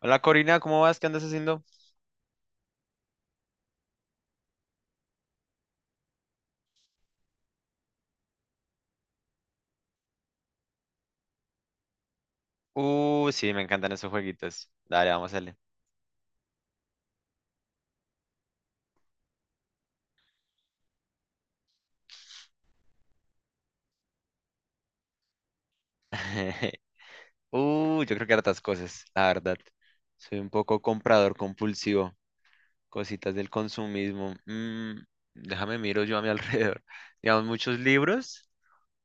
Hola Corina, ¿cómo vas? ¿Qué andas haciendo? Sí, me encantan esos jueguitos. Dale, vamos a darle. Yo creo que hartas cosas, la verdad. Soy un poco comprador compulsivo. Cositas del consumismo. Déjame miro yo a mi alrededor. Digamos, muchos libros.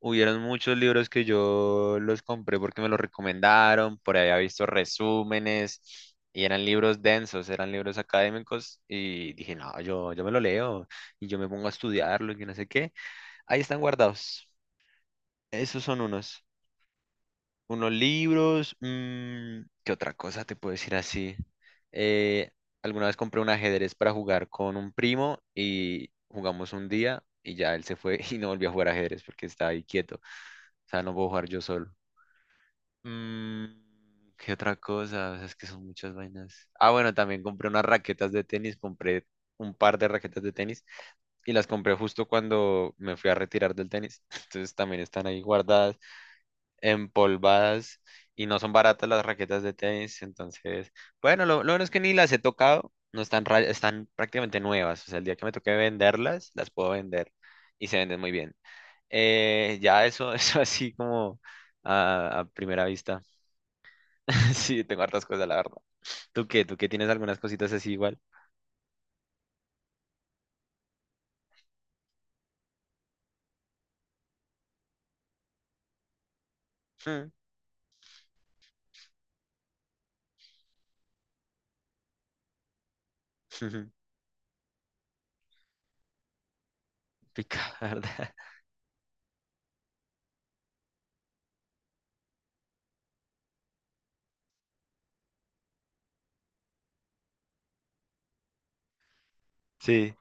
Hubieron muchos libros que yo los compré porque me los recomendaron. Por ahí había visto resúmenes. Y eran libros densos, eran libros académicos. Y dije, no, yo me lo leo. Y yo me pongo a estudiarlo y que no sé qué. Ahí están guardados. Esos son unos. Unos libros. ¿Qué otra cosa te puedo decir así? Eh, alguna vez compré un ajedrez para jugar con un primo y jugamos un día y ya él se fue y no volvió a jugar ajedrez porque estaba ahí quieto. O sea, no puedo jugar yo solo. Mm, ¿Qué otra cosa? O sea, es que son muchas vainas. Ah, bueno, también compré unas raquetas de tenis. Compré un par de raquetas de tenis y las compré justo cuando me fui a retirar del tenis. Entonces también están ahí guardadas. Empolvadas y no son baratas las raquetas de tenis. Entonces, bueno, lo bueno es que ni las he tocado, no están, están prácticamente nuevas. O sea, el día que me toque venderlas, las puedo vender y se venden muy bien. Ya eso, eso así como a primera vista. Sí, tengo hartas cosas, la verdad. ¿Tú qué? ¿Tú qué tienes algunas cositas así igual? Mm. Pica, ¿verdad? Sí.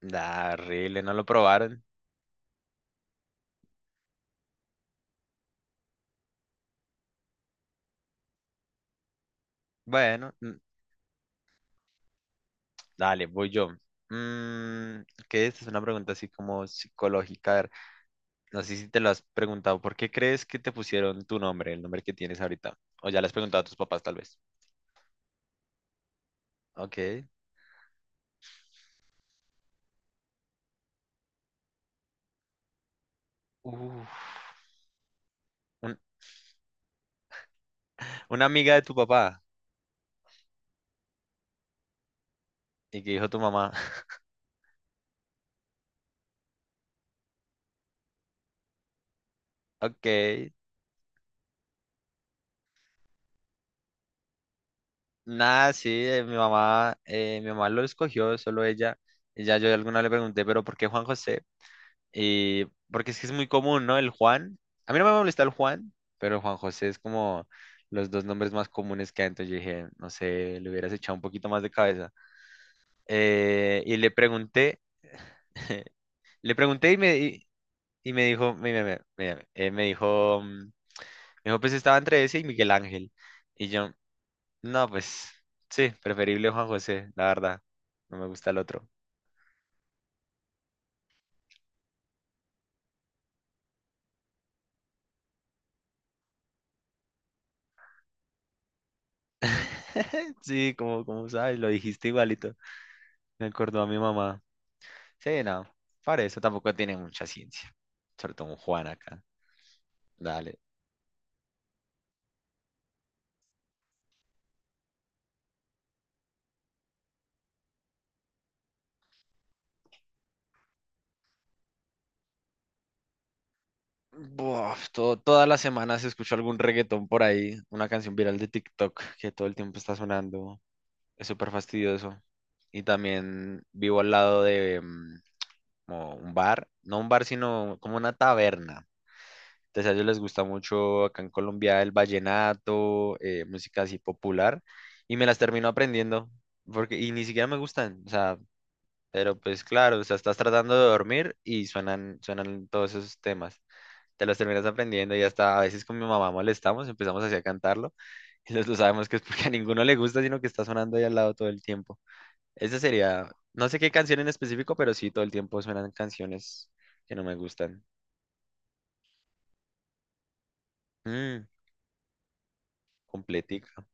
Da, horrible, no lo probaron. Bueno, dale, voy yo. Mm, ¿Qué es? Es una pregunta así como psicológica. A ver, no sé si te lo has preguntado. ¿Por qué crees que te pusieron tu nombre, el nombre que tienes ahorita? O ya le has preguntado a tus papás, tal vez. Ok. Uf. Un- una amiga de tu papá y que dijo tu mamá. Ok. Nada, sí, mi mamá lo escogió, solo ella. Y ya yo alguna le pregunté, pero ¿por qué Juan José? Y porque es que es muy común, ¿no? El Juan. A mí no me molesta el Juan, pero el Juan José es como los dos nombres más comunes que hay. Entonces yo dije, no sé, le hubieras echado un poquito más de cabeza. Y le pregunté, le pregunté y me dijo, me- me- me dijo, mm, me dijo, pues estaba entre ese y Miguel Ángel. Y yo, no, pues sí, preferible Juan José, la verdad. No me gusta el otro. Sí, como sabes, lo dijiste igualito. Me acordó a mi mamá. Sí, no. Para eso tampoco tiene mucha ciencia. Sobre todo un Juan acá. Dale. Buah, todas las semanas escucho algún reggaetón por ahí, una canción viral de TikTok que todo el tiempo está sonando. Es súper fastidioso. Y también vivo al lado de como un bar, no un bar, sino como una taberna. Entonces a ellos les gusta mucho acá en Colombia el vallenato, música así popular, y me las termino aprendiendo, porque, y ni siquiera me gustan. O sea, pero pues claro, o sea, estás tratando de dormir y suenan todos esos temas. Te los terminas aprendiendo y hasta a veces con mi mamá molestamos, empezamos así a cantarlo y los dos sabemos que es porque a ninguno le gusta, sino que está sonando ahí al lado todo el tiempo. Esa sería, no sé qué canción en específico, pero sí todo el tiempo suenan canciones que no me gustan. Mm, completica.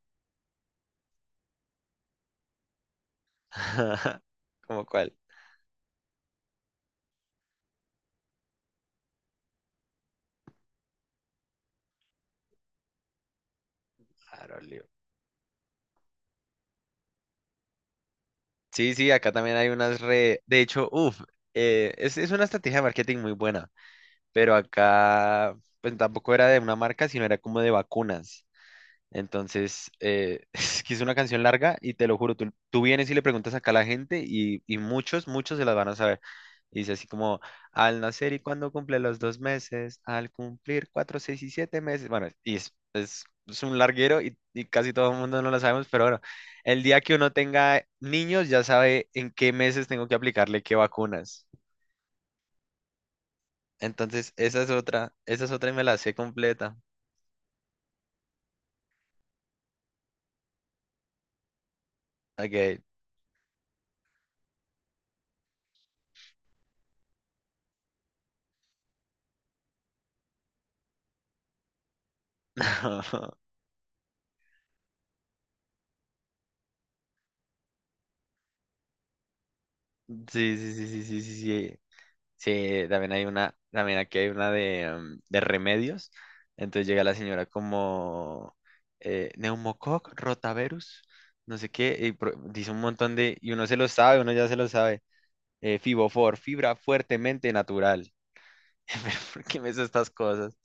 ¿Cómo cuál? Farolio. Sí, sí, acá también hay unas re... De hecho, uff, es una estrategia de marketing muy buena, pero acá pues, tampoco era de una marca, sino era como de vacunas. Entonces, es que es una canción larga y te lo juro, tú vienes y le preguntas acá a la gente y muchos se las van a saber. Y dice así como, al nacer y cuando cumple los 2 meses, al cumplir cuatro, seis y siete meses. Bueno, y es un larguero y casi todo el mundo no lo sabemos, pero bueno, el día que uno tenga niños ya sabe en qué meses tengo que aplicarle qué vacunas. Entonces, esa es otra y me la sé completa. Ok. Sí, sí, sí, sí, sí, sí, sí. Sí, también hay una, también aquí hay una de, de remedios. Entonces llega la señora como neumococ, rotavirus, no sé qué, y dice un montón de, y uno se lo sabe, uno ya se lo sabe. Fibofor, fibra fuertemente natural. Pero, ¿por qué me haces estas cosas?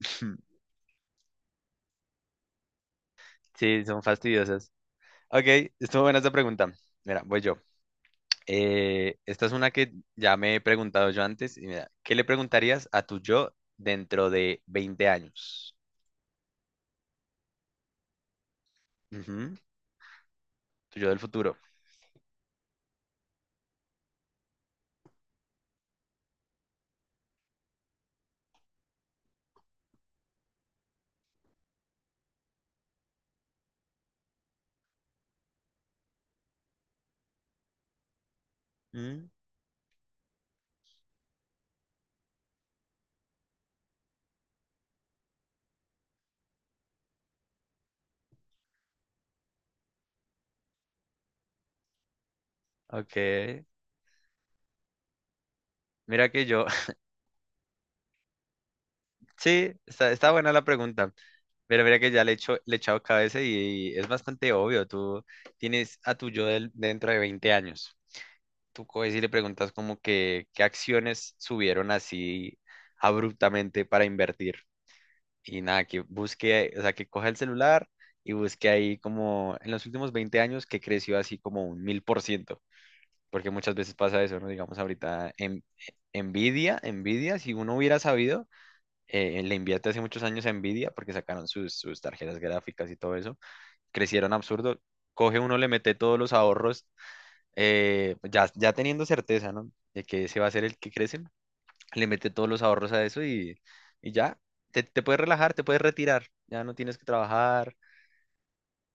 Sí, son fastidiosas. Ok, estuvo buena esta pregunta. Mira, voy yo. Esta es una que ya me he preguntado yo antes. Y mira, ¿qué le preguntarías a tu yo dentro de 20 años? Ujú, tu yo del futuro. Mm, ok. Mira que yo. Sí, está, está buena la pregunta. Pero mira que ya le he hecho, le he echado cabeza y, es bastante obvio. Tú tienes a tu yo dentro de 20 años. Tú coges y le preguntas como que qué acciones subieron así abruptamente para invertir. Y nada, que busque, o sea, que coja el celular y busque ahí como en los últimos 20 años que creció así como un 1000%, porque muchas veces pasa eso, ¿no? Digamos ahorita en Nvidia, si uno hubiera sabido, le invierte hace muchos años a Nvidia porque sacaron sus tarjetas gráficas y todo eso, crecieron absurdo, coge uno, le mete todos los ahorros, ya teniendo certeza, ¿no? De que ese va a ser el que crece, le mete todos los ahorros a eso y ya, te puedes relajar, te puedes retirar, ya no tienes que trabajar,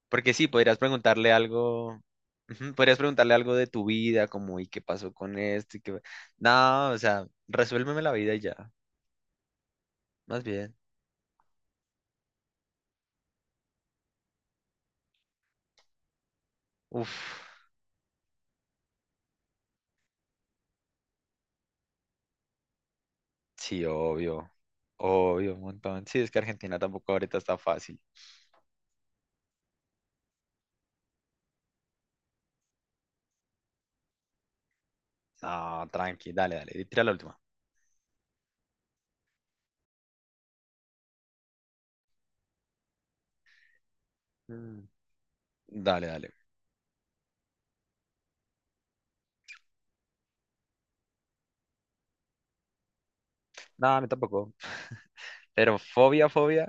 porque sí, podrías preguntarle algo, ujú, podrías preguntarle algo de tu vida, como, ¿y qué pasó con esto? ¿Y qué... No, o sea, resuélveme la vida y ya, más bien. Uf, sí, obvio, obvio, un montón. Sí, es que Argentina tampoco ahorita está fácil. No, tranqui, dale, dale, y tira la última. Mm. Dale, dale. No, a mí tampoco. Pero fobia, fobia,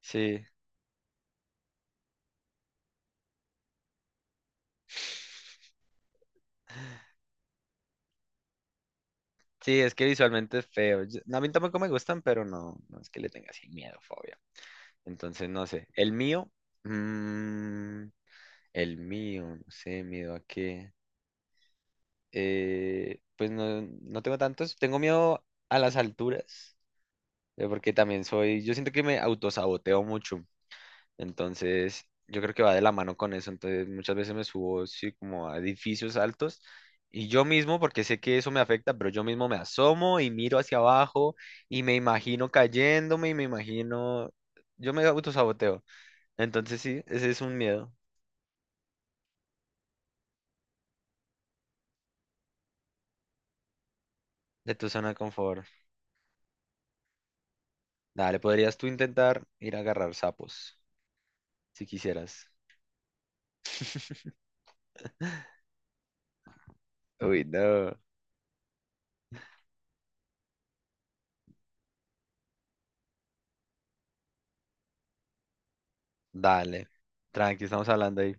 sí. Sí, es que visualmente es feo. No, a mí tampoco me gustan, pero no, no es que le tenga así miedo, fobia. Entonces, no sé. El mío, mm, el mío, no sé, miedo a qué. Pues no, no tengo tantos. Tengo miedo a las alturas, porque también soy, yo siento que me autosaboteo mucho. Entonces, yo creo que va de la mano con eso. Entonces, muchas veces me subo, sí, como a edificios altos y yo mismo, porque sé que eso me afecta, pero yo mismo me asomo y miro hacia abajo y me imagino cayéndome y me imagino, yo me autosaboteo. Entonces, sí, ese es un miedo de tu zona de confort. Dale, podrías tú intentar ir a agarrar sapos, si quisieras. Uy, no. Dale, tranqui, estamos hablando ahí.